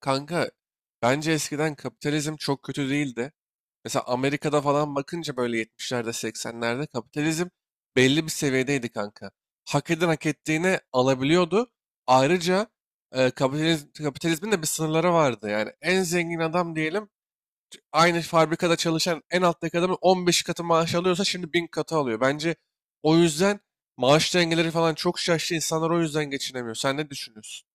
Kanka, bence eskiden kapitalizm çok kötü değildi. Mesela Amerika'da falan bakınca böyle 70'lerde 80'lerde kapitalizm belli bir seviyedeydi kanka. Hak eden hak ettiğini alabiliyordu. Ayrıca kapitalizmin de bir sınırları vardı. Yani en zengin adam diyelim, aynı fabrikada çalışan en alttaki adamın 15 katı maaş alıyorsa şimdi 1000 katı alıyor. Bence o yüzden maaş dengeleri falan çok şaştı. İnsanlar o yüzden geçinemiyor. Sen ne düşünüyorsun?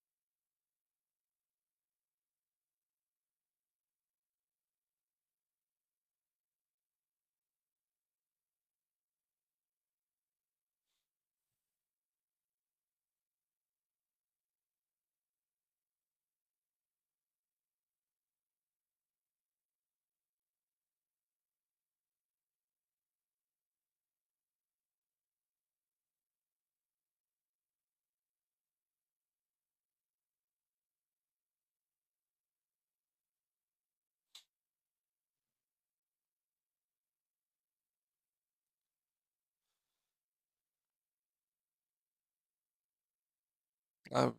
Abi,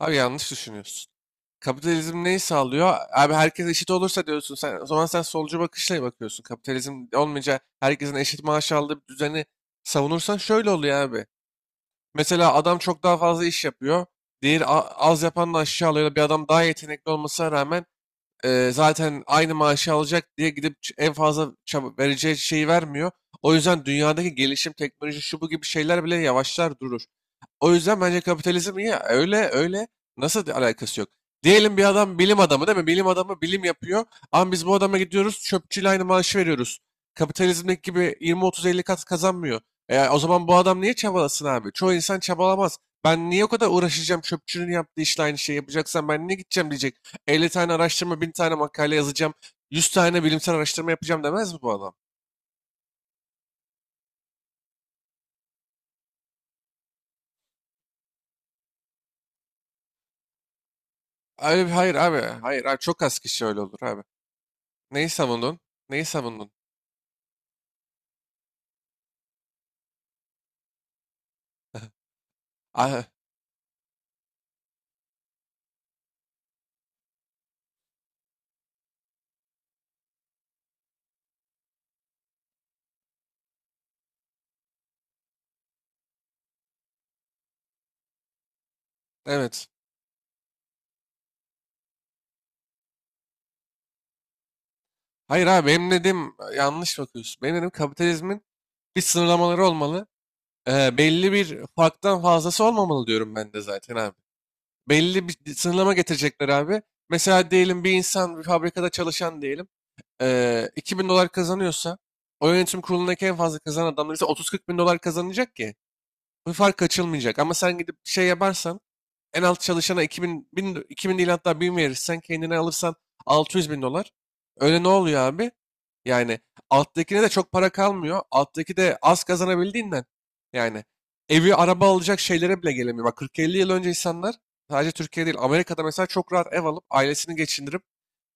abi, yanlış düşünüyorsun. Kapitalizm neyi sağlıyor? Abi herkes eşit olursa diyorsun sen. O zaman sen solcu bakışla bakıyorsun. Kapitalizm olmayınca herkesin eşit maaş aldığı bir düzeni savunursan şöyle oluyor abi. Mesela adam çok daha fazla iş yapıyor. Diğeri a- Az yapan da aşağı alıyor. Bir adam daha yetenekli olmasına rağmen zaten aynı maaşı alacak diye gidip en fazla vereceği şeyi vermiyor. O yüzden dünyadaki gelişim, teknoloji, şu bu gibi şeyler bile yavaşlar durur. O yüzden bence kapitalizm ya öyle nasıl alakası yok? Diyelim bir adam bilim adamı, değil mi? Bilim adamı bilim yapıyor. Ama biz bu adama gidiyoruz, çöpçüyle aynı maaşı veriyoruz. Kapitalizmdeki gibi 20-30-50 kat kazanmıyor. E, o zaman bu adam niye çabalasın abi? Çoğu insan çabalamaz. Ben niye o kadar uğraşacağım, çöpçünün yaptığı işle aynı şeyi yapacaksan ben niye gideceğim diyecek. 50 tane araştırma, 1000 tane makale yazacağım, 100 tane bilimsel araştırma yapacağım demez mi bu adam? Abi, hayır abi, hayır abi, çok az kişi öyle olur abi. Neyi savundun? Neyi savundun? Ah, evet. Hayır abi, benim dediğim yanlış bakıyorsun. Benim dediğim, kapitalizmin bir sınırlamaları olmalı. Belli bir farktan fazlası olmamalı diyorum ben de zaten abi. Belli bir sınırlama getirecekler abi. Mesela diyelim bir insan bir fabrikada çalışan diyelim. 2000 $ kazanıyorsa, o yönetim kurulundaki en fazla kazanan adamlar ise 30-40 bin $ kazanacak ki bu fark açılmayacak. Ama sen gidip şey yaparsan, en alt çalışana 2000, 1000, 2000 değil hatta 1000 verirsen, kendine alırsan 600 bin dolar. Öyle ne oluyor abi? Yani alttakine de çok para kalmıyor. Alttaki de az kazanabildiğinden. Yani evi, araba alacak şeylere bile gelemiyor. Bak 40-50 yıl önce insanlar sadece Türkiye değil Amerika'da mesela çok rahat ev alıp ailesini geçindirip,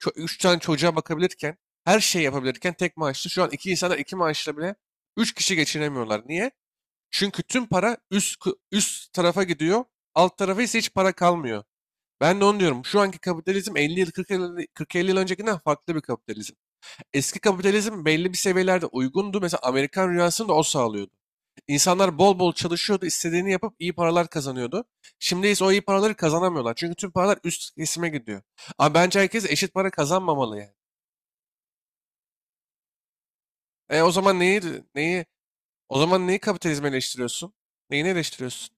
üç tane çocuğa bakabilirken, her şeyi yapabilirken tek maaşlı, şu an iki insanlar iki maaşla bile üç kişi geçinemiyorlar. Niye? Çünkü tüm para üst tarafa gidiyor. Alt tarafa ise hiç para kalmıyor. Ben de onu diyorum. Şu anki kapitalizm 50 yıl 40 yıl 40 50 yıl öncekinden farklı bir kapitalizm. Eski kapitalizm belli bir seviyelerde uygundu. Mesela Amerikan rüyasını da o sağlıyordu. İnsanlar bol bol çalışıyordu, istediğini yapıp iyi paralar kazanıyordu. Şimdi ise o iyi paraları kazanamıyorlar. Çünkü tüm paralar üst kesime gidiyor. Ama bence herkes eşit para kazanmamalı yani. E o zaman neyi neyi kapitalizmi eleştiriyorsun? Neyini eleştiriyorsun?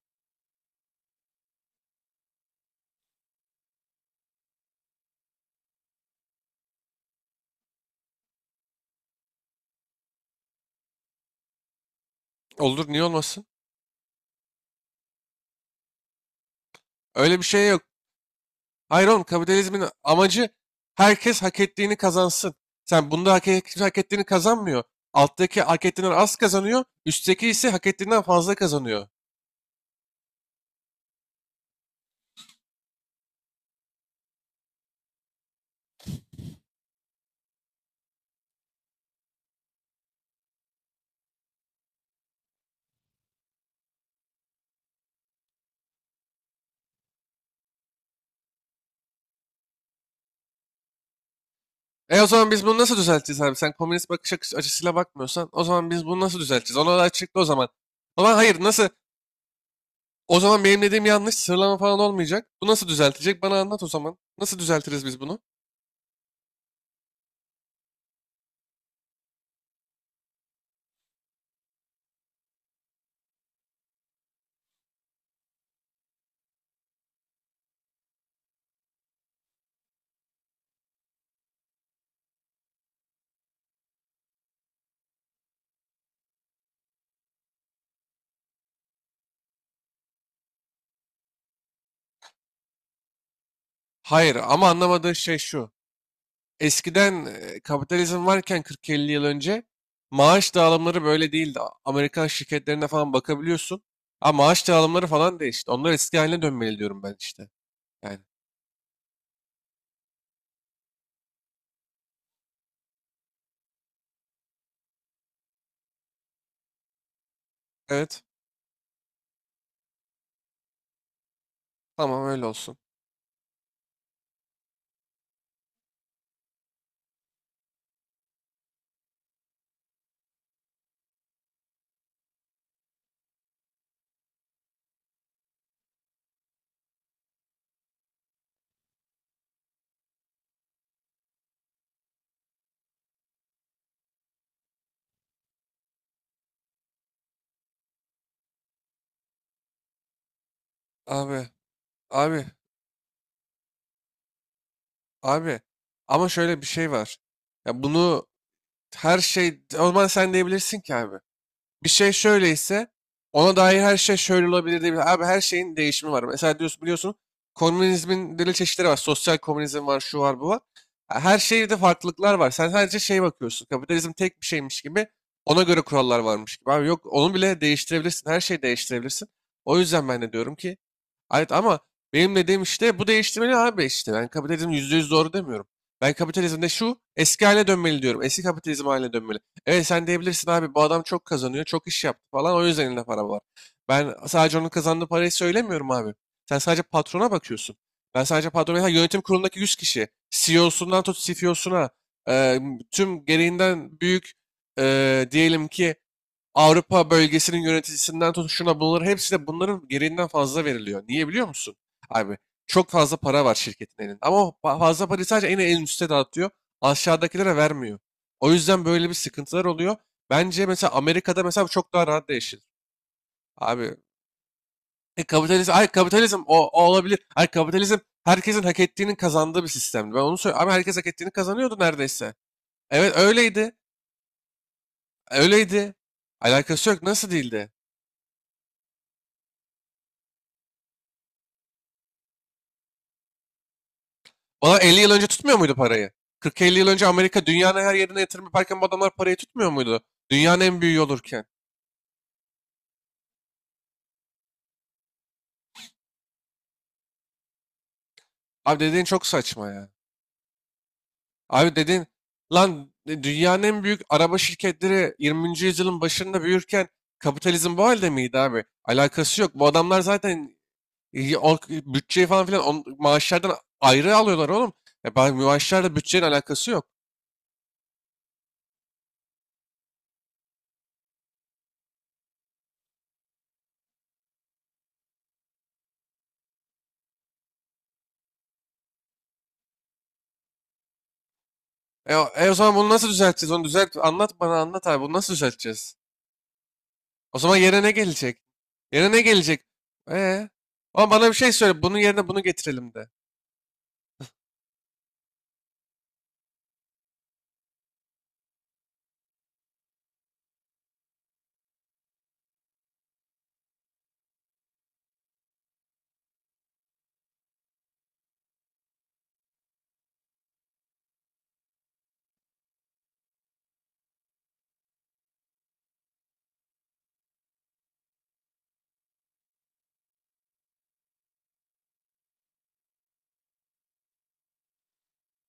Olur, niye olmasın? Öyle bir şey yok. Hayır oğlum, kapitalizmin amacı herkes hak ettiğini kazansın. Sen bunda hak, kimse hak ettiğini kazanmıyor. Alttaki hak ettiğinden az kazanıyor. Üstteki ise hak ettiğinden fazla kazanıyor. E o zaman biz bunu nasıl düzelteceğiz abi? Sen komünist açısıyla bakmıyorsan o zaman biz bunu nasıl düzelteceğiz? Ona da açıkla o zaman. O zaman hayır, nasıl? O zaman benim dediğim yanlış sıralama falan olmayacak. Bu nasıl düzeltecek? Bana anlat o zaman. Nasıl düzeltiriz biz bunu? Hayır, ama anlamadığı şey şu. Eskiden kapitalizm varken 40-50 yıl önce maaş dağılımları böyle değildi. Amerikan şirketlerine falan bakabiliyorsun. Ama maaş dağılımları falan değişti. Onlar eski haline dönmeli diyorum ben işte. Yani evet, tamam, öyle olsun. Abi abi abi, ama şöyle bir şey var. Ya bunu, her şey, o zaman sen diyebilirsin ki abi, bir şey şöyleyse ona dair her şey şöyle olabilir diye. Abi her şeyin değişimi var. Mesela diyorsun, biliyorsun, komünizmin deli çeşitleri var. Sosyal komünizm var, şu var, bu var. Ha, her şeyde farklılıklar var. Sen sadece şeye bakıyorsun, kapitalizm tek bir şeymiş gibi. Ona göre kurallar varmış gibi. Abi yok, onu bile değiştirebilirsin. Her şeyi değiştirebilirsin. O yüzden ben de diyorum ki, evet, ama benim dediğim işte bu, değiştirmeli abi işte. Ben kapitalizm %100 doğru demiyorum. Ben kapitalizmde şu eski haline dönmeli diyorum. Eski kapitalizm haline dönmeli. Evet, sen diyebilirsin abi, bu adam çok kazanıyor, çok iş yaptı falan, o yüzden elinde para var. Ben sadece onun kazandığı parayı söylemiyorum abi. Sen sadece patrona bakıyorsun. Ben sadece patrona, ha, yönetim kurulundaki 100 kişi, CEO'sundan tut CFO'suna, e, tüm gereğinden büyük, diyelim ki Avrupa bölgesinin yöneticisinden tut şuna, bunların hepsi de bunların gereğinden fazla veriliyor. Niye biliyor musun? Abi çok fazla para var şirketin elinde ama o fazla parayı sadece en üste dağıtıyor. Aşağıdakilere vermiyor. O yüzden böyle bir sıkıntılar oluyor. Bence mesela Amerika'da mesela bu çok daha rahat değişir. Abi kapitalizm, ay kapitalizm o olabilir. Ay kapitalizm herkesin hak ettiğinin kazandığı bir sistemdi. Ben onu söylüyorum. Abi herkes hak ettiğini kazanıyordu neredeyse. Evet, öyleydi. Öyleydi. Alakası yok. Nasıl değildi? Valla 50 yıl önce tutmuyor muydu parayı? 40-50 yıl önce Amerika dünyanın her yerine yatırım yaparken bu adamlar parayı tutmuyor muydu? Dünyanın en büyüğü olurken. Abi dediğin çok saçma ya. Abi dediğin lan, dünyanın en büyük araba şirketleri 20. yüzyılın başında büyürken kapitalizm bu halde miydi abi? Alakası yok. Bu adamlar zaten o bütçeyi falan filan on, maaşlardan ayrı alıyorlar oğlum. Maaşlarla bütçenin alakası yok. O zaman bunu nasıl düzelteceğiz? Onu düzelt, anlat bana, anlat abi. Bunu nasıl düzelteceğiz? O zaman yerine ne gelecek? Yerine ne gelecek? Ee? Ama bana bir şey söyle. Bunun yerine bunu getirelim de.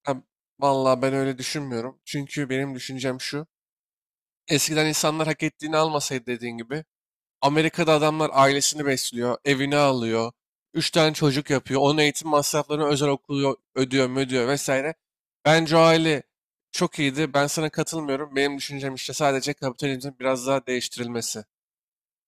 Ha, vallahi ben öyle düşünmüyorum. Çünkü benim düşüncem şu. Eskiden insanlar hak ettiğini almasaydı dediğin gibi. Amerika'da adamlar ailesini besliyor, evini alıyor, üç tane çocuk yapıyor, onun eğitim masraflarını, özel okulu ödüyor, ödüyor vesaire. Bence o aile çok iyiydi. Ben sana katılmıyorum. Benim düşüncem işte sadece kapitalizmin biraz daha değiştirilmesi.